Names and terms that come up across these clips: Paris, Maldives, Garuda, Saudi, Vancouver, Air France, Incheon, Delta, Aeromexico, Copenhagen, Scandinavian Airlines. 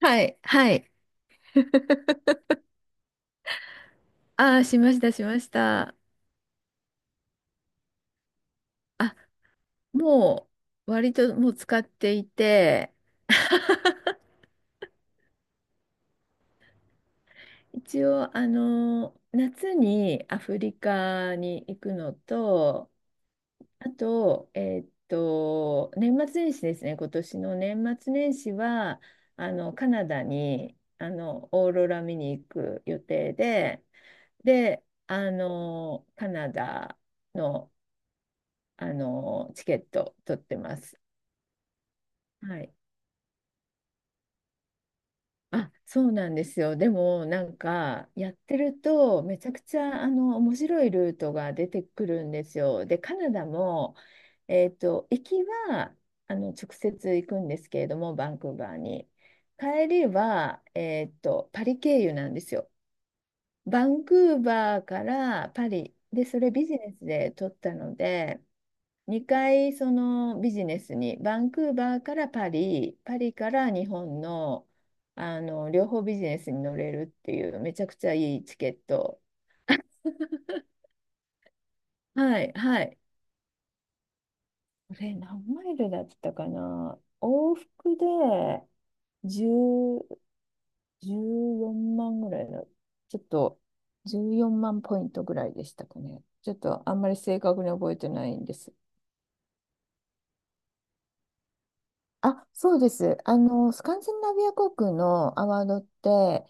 はい、はい。ああ、しました、しました。あ、も割ともう使っていて、一応、夏にアフリカに行くのと、あと、年末年始ですね、今年の年末年始は、カナダに、オーロラ見に行く予定で、カナダの、チケット取ってます。はい。あ、そうなんですよ。でも、なんか、やってると、めちゃくちゃ、面白いルートが出てくるんですよ。で、カナダも、行きは、直接行くんですけれども、バンクーバーに。帰りは、パリ経由なんですよ。バンクーバーからパリ。で、それビジネスで取ったので、2回そのビジネスにバンクーバーからパリ、パリから日本の、両方ビジネスに乗れるっていうめちゃくちゃいいチケット。はいはい。これ何マイルだったかな、往復で10、14万ぐらいの、ちょっと14万ポイントぐらいでしたかね。ちょっとあんまり正確に覚えてないんです。あ、そうです。スカンジナビア航空のアワードって、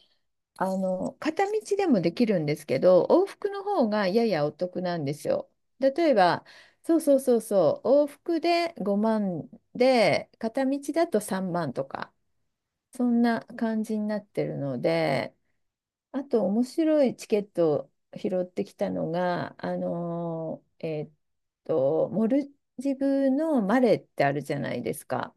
片道でもできるんですけど、往復の方がややお得なんですよ。例えば、そうそうそうそう、往復で5万で、片道だと3万とか、そんな感じになってるので、あと面白いチケットを拾ってきたのが、モルジブのマレってあるじゃないですか。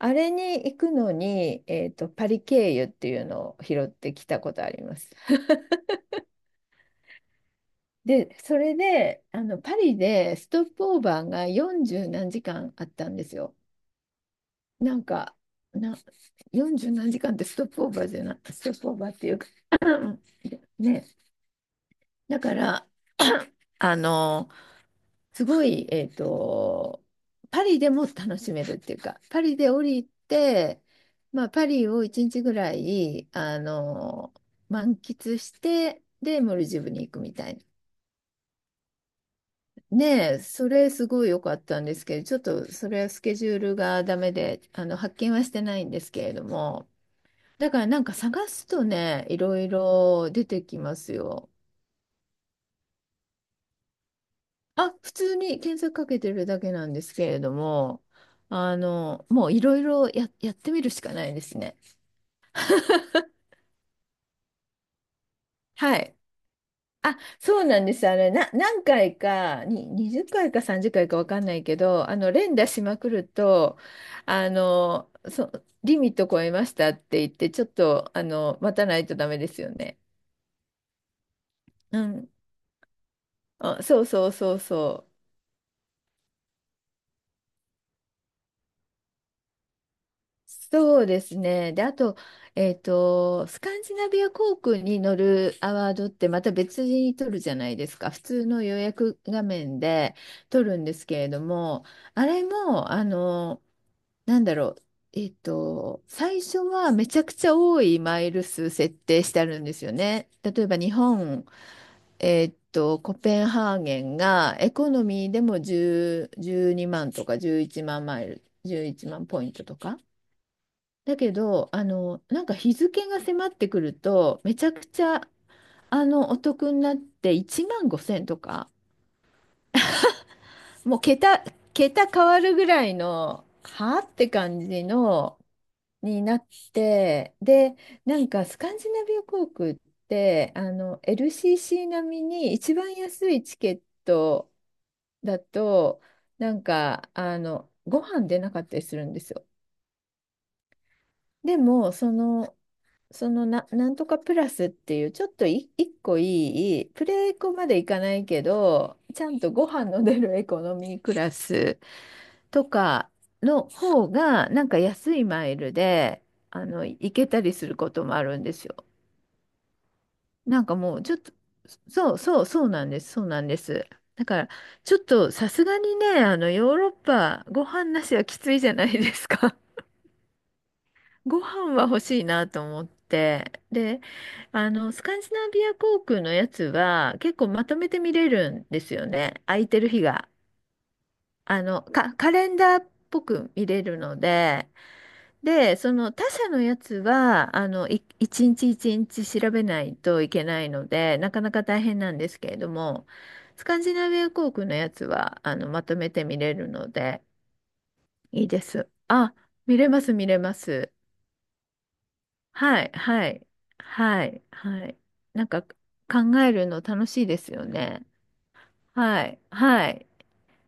あれに行くのに、パリ経由っていうのを拾ってきたことあります。で、それで、パリでストップオーバーが40何時間あったんですよ。なんか、な、40何時間ってストップオーバーじゃない、ストップオーバーっていうか、 ね、だから、あの、すごい、パリでも楽しめるっていうか、パリで降りて、まあ、パリを1日ぐらい、満喫して、で、モルジブに行くみたいな。ねえ、それすごい良かったんですけど、ちょっとそれはスケジュールがダメで、発見はしてないんですけれども、だからなんか探すとね、いろいろ出てきますよ。あ、普通に検索かけてるだけなんですけれども、もういろいろやってみるしかないですね。はい。あ、そうなんです。あれ、何回か、20回か30回かいかわかんないけど、連打しまくると、あの、そ、リミット超えましたって言って、ちょっと、待たないとダメですよね。うん。あ、そうそうそうそう。そうですね。で、あと、スカンジナビア航空に乗るアワードってまた別に取るじゃないですか。普通の予約画面で取るんですけれども、あれも、なんだろう。最初はめちゃくちゃ多いマイル数設定してあるんですよね。例えば日本、コペンハーゲンがエコノミーでも1 2万とか11万マイル、11万ポイントとか。だけど、なんか日付が迫ってくると、めちゃくちゃ、お得になって1万5千とか、もう桁変わるぐらいの、はあって感じのになって、で、なんかスカンジナビア航空って、LCC 並みに一番安いチケットだと、なんか、ご飯出なかったりするんですよ。でも、なんとかプラスっていう、ちょっと一個いい、プレエコまでいかないけど、ちゃんとご飯の出るエコノミークラスとかの方が、なんか安いマイルで、行けたりすることもあるんですよ。なんかもうちょっと、そうそうそうなんです、そうなんです。だから、ちょっとさすがにね、ヨーロッパ、ご飯なしはきついじゃないですか。ご飯は欲しいなと思って。で、スカンジナビア航空のやつは結構まとめて見れるんですよね。空いてる日が。カレンダーっぽく見れるので、で、その他社のやつは、一日一日調べないといけないので、なかなか大変なんですけれども、スカンジナビア航空のやつは、まとめて見れるので、いいです。あ、見れます、見れます。はい、はい、はい、はい。なんか、考えるの楽しいですよね。はい、はい。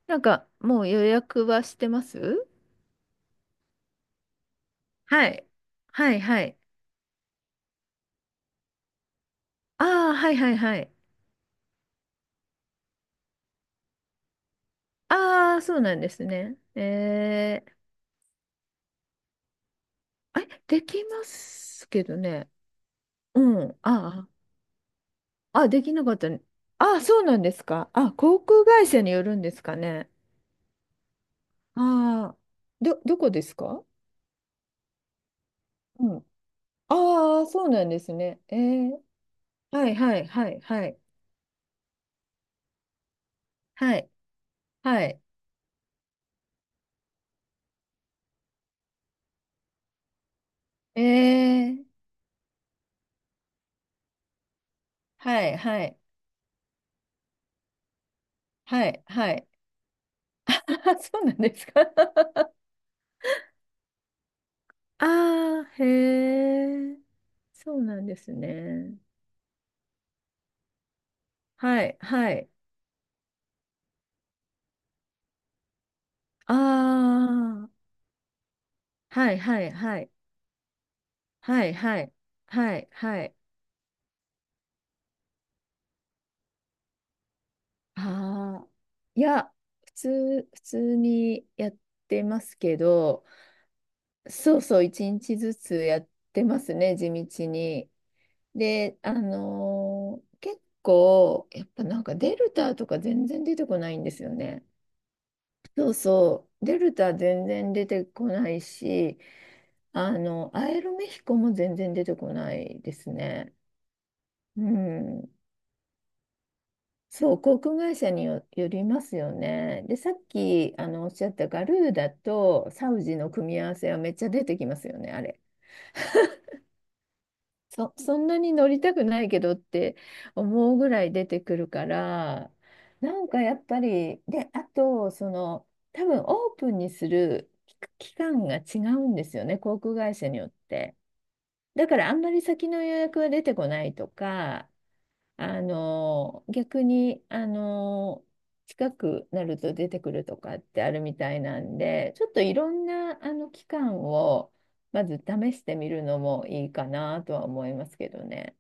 なんか、もう予約はしてます？はい、はい、はい。ああ、はい、はい、はい。ああ、そうなんですね。えー、あれ、できますけどね。うん。ああ、あ、できなかったね。ああ、そうなんですか。あ、航空会社によるんですかね。ああ、どこですか？うん。ああ、そうなんですね。えー、はいはいはいはい。はい。はい。えー、はいはいはいはい。そうなんですか。ああ、へえ、そうなんですね。はい、はい。ああ、はいはいはい。はいはいはいはい。ああ、いや、普通にやってますけど、そうそう、一日ずつやってますね、地道に。で、結構、やっぱなんかデルタとか全然出てこないんですよね。そうそう、デルタ全然出てこないし、アエルメヒコも全然出てこないですね。うん。そう、航空会社によりますよね。で、さっきおっしゃったガルーダとサウジの組み合わせはめっちゃ出てきますよね、あれ。そんなに乗りたくないけどって思うぐらい出てくるから、なんかやっぱり、で、あと、その、多分オープンにする期間が違うんですよね、航空会社によって。だからあんまり先の予約は出てこないとか、逆に、近くなると出てくるとかってあるみたいなんで、ちょっといろんな、期間を、まず試してみるのもいいかなとは思いますけどね。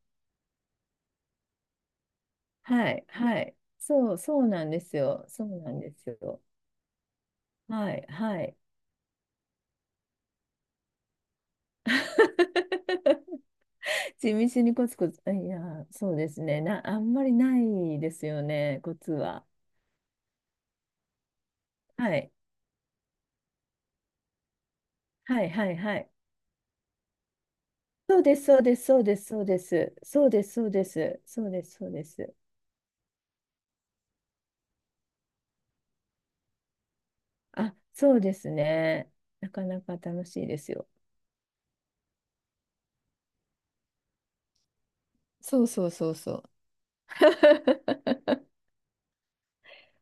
はい、はい。そう、そうなんですよ。そうなんですよ。はい、はい。地道にコツコツ、いや、そうですね。あんまりないですよね、コツは。はい、はい、はい、はい。そうです、そうです、そうです、そうです、そうです、そうです、そうです、そうです。あ、そうですね。なかなか楽しいですよ。そうそうそうそう。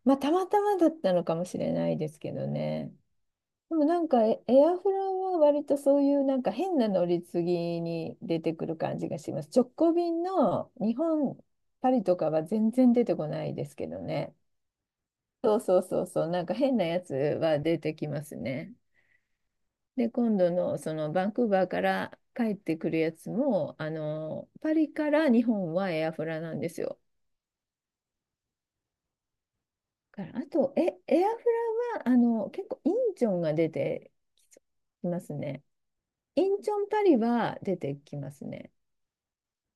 まあ、たまたまだったのかもしれないですけどね。でもなんかエアフラは割とそういうなんか変な乗り継ぎに出てくる感じがします。直行便の日本、パリとかは全然出てこないですけどね。そうそうそうそう、なんか変なやつは出てきますね。で、今度のそのバンクーバーから帰ってくるやつも、パリから日本はエアフラなんですよ。だからあと、エアフラは、結構インチョンが出てきますね。インチョンパリは出てきますね。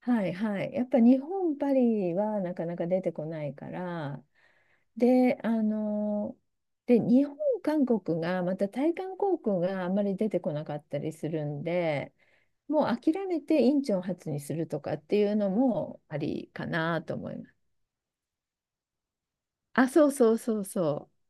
はいはい。やっぱ日本パリはなかなか出てこないから、で、あの、で、日本、韓国が、また対韓航空があんまり出てこなかったりするんで、もう諦めてインチョン発にするとかっていうのもありかなと思います。あ、そうそうそうそう。